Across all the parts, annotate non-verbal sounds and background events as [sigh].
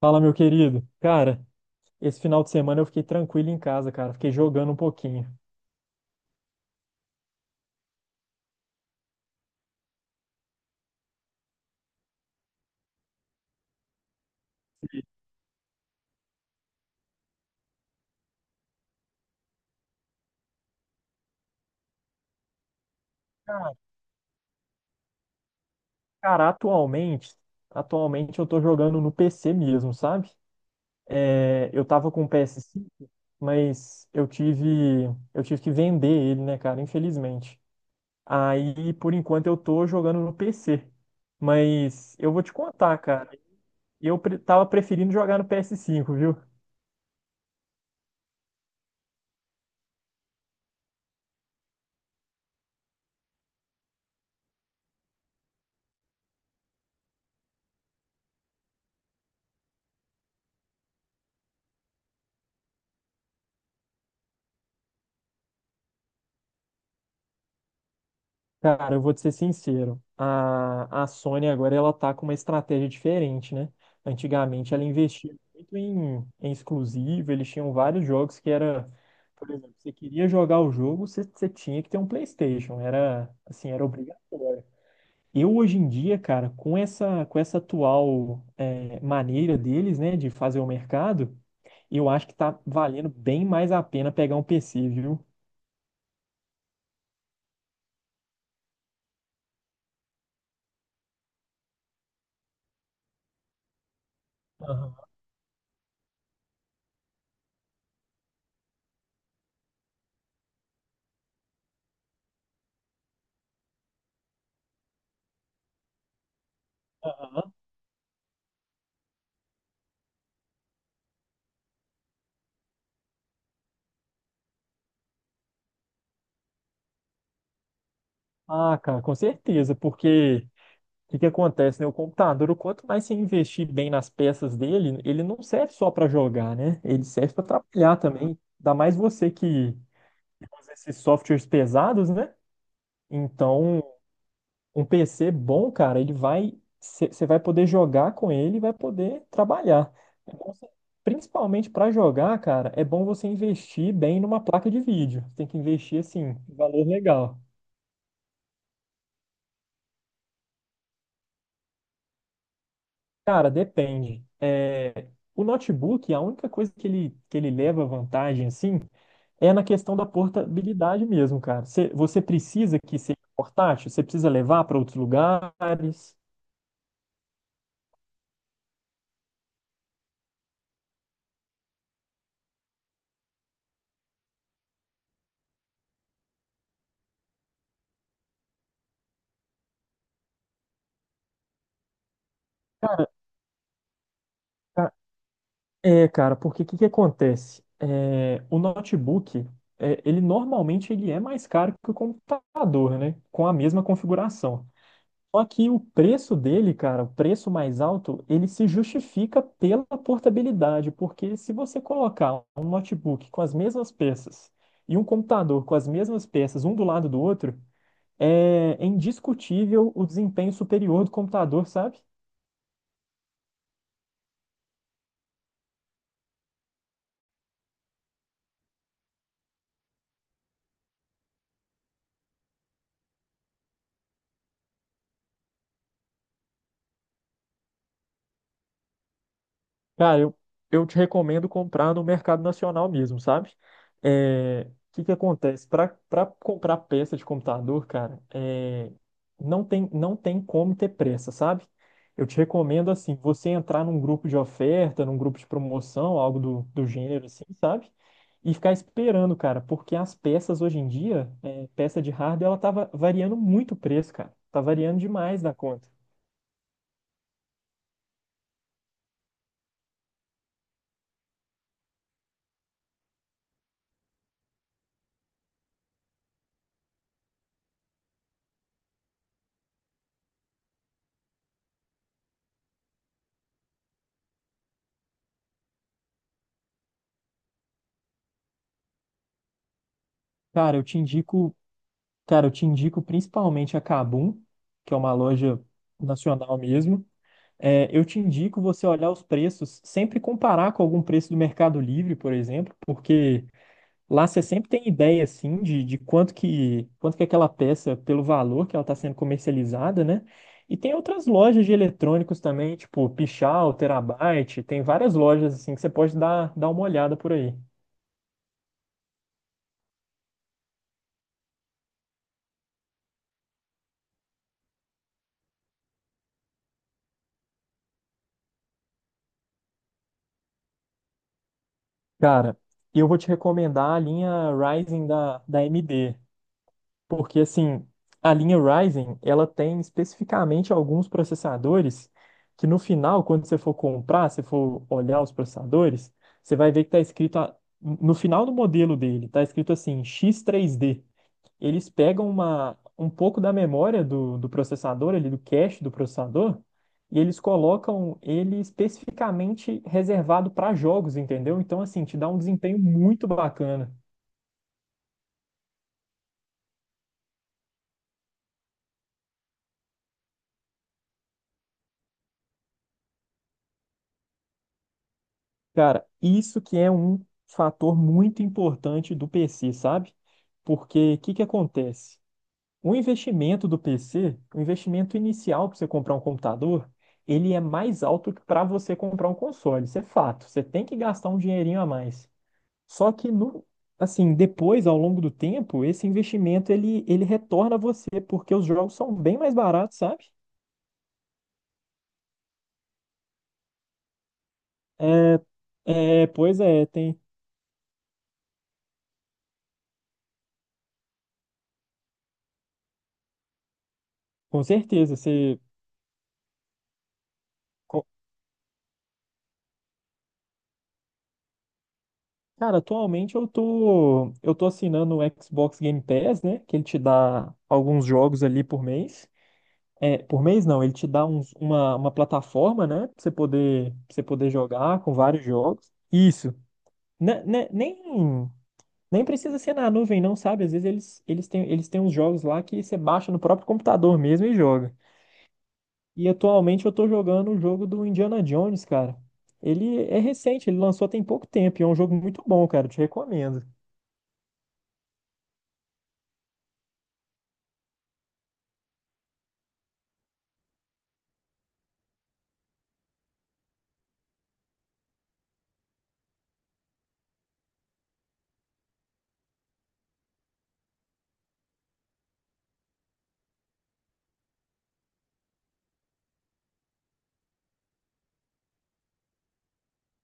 Fala, meu querido. Cara, esse final de semana eu fiquei tranquilo em casa, cara. Fiquei jogando um pouquinho. Sim. Cara, cara, atualmente eu tô jogando no PC mesmo, sabe? É, eu tava com o PS5, mas eu tive que vender ele, né, cara? Infelizmente. Aí, por enquanto, eu tô jogando no PC. Mas eu vou te contar, cara. Tava preferindo jogar no PS5, viu? Cara, eu vou te ser sincero. A Sony agora ela tá com uma estratégia diferente, né? Antigamente ela investia muito em exclusivo, eles tinham vários jogos que era, por exemplo, você queria jogar o jogo, você tinha que ter um PlayStation, era assim, era obrigatório. Eu hoje em dia, cara, com essa atual maneira deles, né, de fazer o mercado, eu acho que tá valendo bem mais a pena pegar um PC, viu? Aham, aham. Ah, cara, com certeza. Porque o que que acontece, né? O computador, quanto mais você investir bem nas peças dele, ele não serve só para jogar, né? Ele serve para trabalhar também. Ainda mais você que usa esses softwares pesados, né? Então, um PC bom, cara, ele vai. Você vai poder jogar com ele e vai poder trabalhar. É bom você- Principalmente para jogar, cara, é bom você investir bem numa placa de vídeo. Tem que investir, assim, um valor legal. Cara, depende. É, o notebook, a única coisa que ele leva vantagem, assim, é na questão da portabilidade mesmo, cara. Você precisa que seja portátil? Você precisa levar para outros lugares? Ca- É, cara, porque o que que acontece? É, o notebook, é, ele normalmente ele é mais caro que o computador, né? Com a mesma configuração. Só que o preço dele, cara, o preço mais alto, ele se justifica pela portabilidade, porque se você colocar um notebook com as mesmas peças e um computador com as mesmas peças, um do lado do outro, é indiscutível o desempenho superior do computador, sabe? Cara, eu, eu te recomendo comprar no mercado nacional mesmo, sabe? É, o que que acontece? Para comprar peça de computador, cara, é, não tem como ter pressa, sabe? Eu te recomendo, assim, você entrar num grupo de oferta, num grupo de promoção, algo do gênero, assim, sabe? E ficar esperando, cara, porque as peças hoje em dia, é, peça de hardware, ela variando muito o preço, cara. Tá variando demais da conta. Cara, eu te indico Cara, eu te indico principalmente a Kabum, que é uma loja nacional mesmo. É, eu te indico você olhar os preços, sempre comparar com algum preço do Mercado Livre, por exemplo, porque lá você sempre tem ideia, assim, de quanto que aquela peça, pelo valor que ela está sendo comercializada, né? E tem outras lojas de eletrônicos também, tipo Pichal, Terabyte, tem várias lojas, assim, que você pode dar uma olhada por aí. Cara, eu vou te recomendar a linha Ryzen da AMD. Porque assim, a linha Ryzen, ela tem especificamente alguns processadores que no final, quando você for comprar, se for olhar os processadores, você vai ver que no final do modelo dele, está escrito assim, X3D. Eles pegam um pouco da memória do processador, ali, do cache do processador, e eles colocam ele especificamente reservado para jogos, entendeu? Então, assim, te dá um desempenho muito bacana. Cara, isso que é um fator muito importante do PC, sabe? Porque o que que acontece? O investimento do PC, o investimento inicial para você comprar um computador, ele é mais alto que para você comprar um console, isso é fato. Você tem que gastar um dinheirinho a mais. Só que no, assim, depois, ao longo do tempo, esse investimento ele retorna a você, porque os jogos são bem mais baratos, sabe? É, é, pois é, tem, com certeza. Você cara, atualmente eu tô assinando o Xbox Game Pass, né? Que ele te dá alguns jogos ali por mês. É, por mês não, ele te dá uns- uma plataforma, né? Pra você poder jogar com vários jogos. Isso. Ne- ne- nem, Nem precisa ser na nuvem, não, sabe? Às vezes eles têm uns jogos lá que você baixa no próprio computador mesmo e joga. E atualmente eu tô jogando o jogo do Indiana Jones, cara. Ele é recente, ele lançou tem pouco tempo e é um jogo muito bom, cara. Eu te recomendo.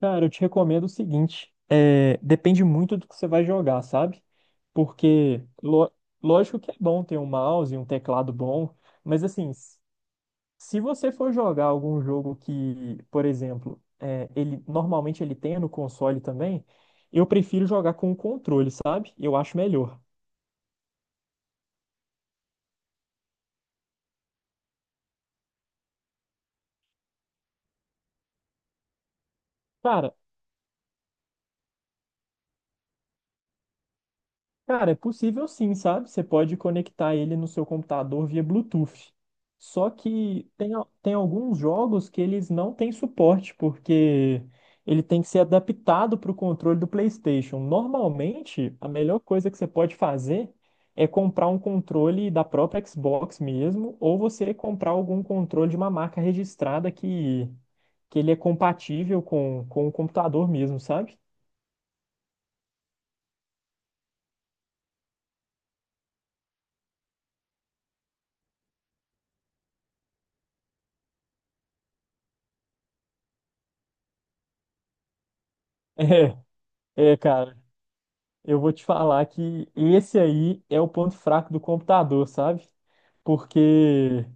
Cara, eu te recomendo o seguinte, é, depende muito do que você vai jogar, sabe? Porque, lógico que é bom ter um mouse e um teclado bom, mas assim, se você for jogar algum jogo que, por exemplo, é, ele normalmente ele tem no console também, eu prefiro jogar com o controle, sabe? Eu acho melhor. Cara, Cara, é possível sim, sabe? Você pode conectar ele no seu computador via Bluetooth. Só que tem, al- Tem alguns jogos que eles não têm suporte, porque ele tem que ser adaptado para o controle do PlayStation. Normalmente, a melhor coisa que você pode fazer é comprar um controle da própria Xbox mesmo, ou você comprar algum controle de uma marca registrada que ele é compatível com o computador mesmo, sabe? [laughs] Cara, eu vou te falar que esse aí é o ponto fraco do computador, sabe? Porque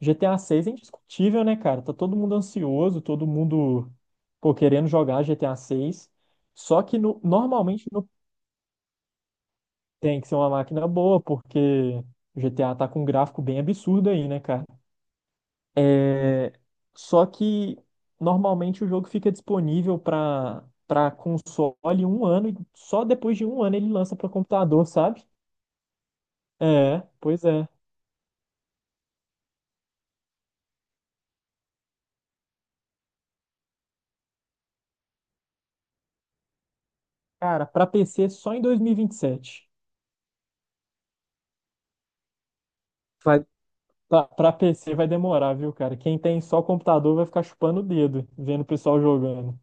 GTA 6 é indiscutível, né, cara? Tá todo mundo ansioso, todo mundo, pô, querendo jogar GTA 6. Só que no- normalmente no- Tem que ser uma máquina boa, porque o GTA tá com um gráfico bem absurdo aí, né, cara? É, só que normalmente o jogo fica disponível para console um ano e só depois de um ano ele lança para computador, sabe? É, pois é. Cara, pra PC só em 2027. Vai, pra PC vai demorar, viu, cara? Quem tem só computador vai ficar chupando o dedo, vendo o pessoal jogando.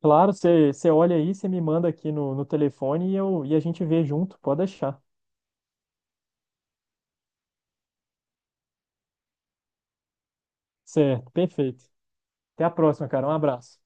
Claro, você olha aí, você me manda aqui no telefone e, eu, e a gente vê junto, pode deixar. Certo, perfeito. Até a próxima, cara. Um abraço.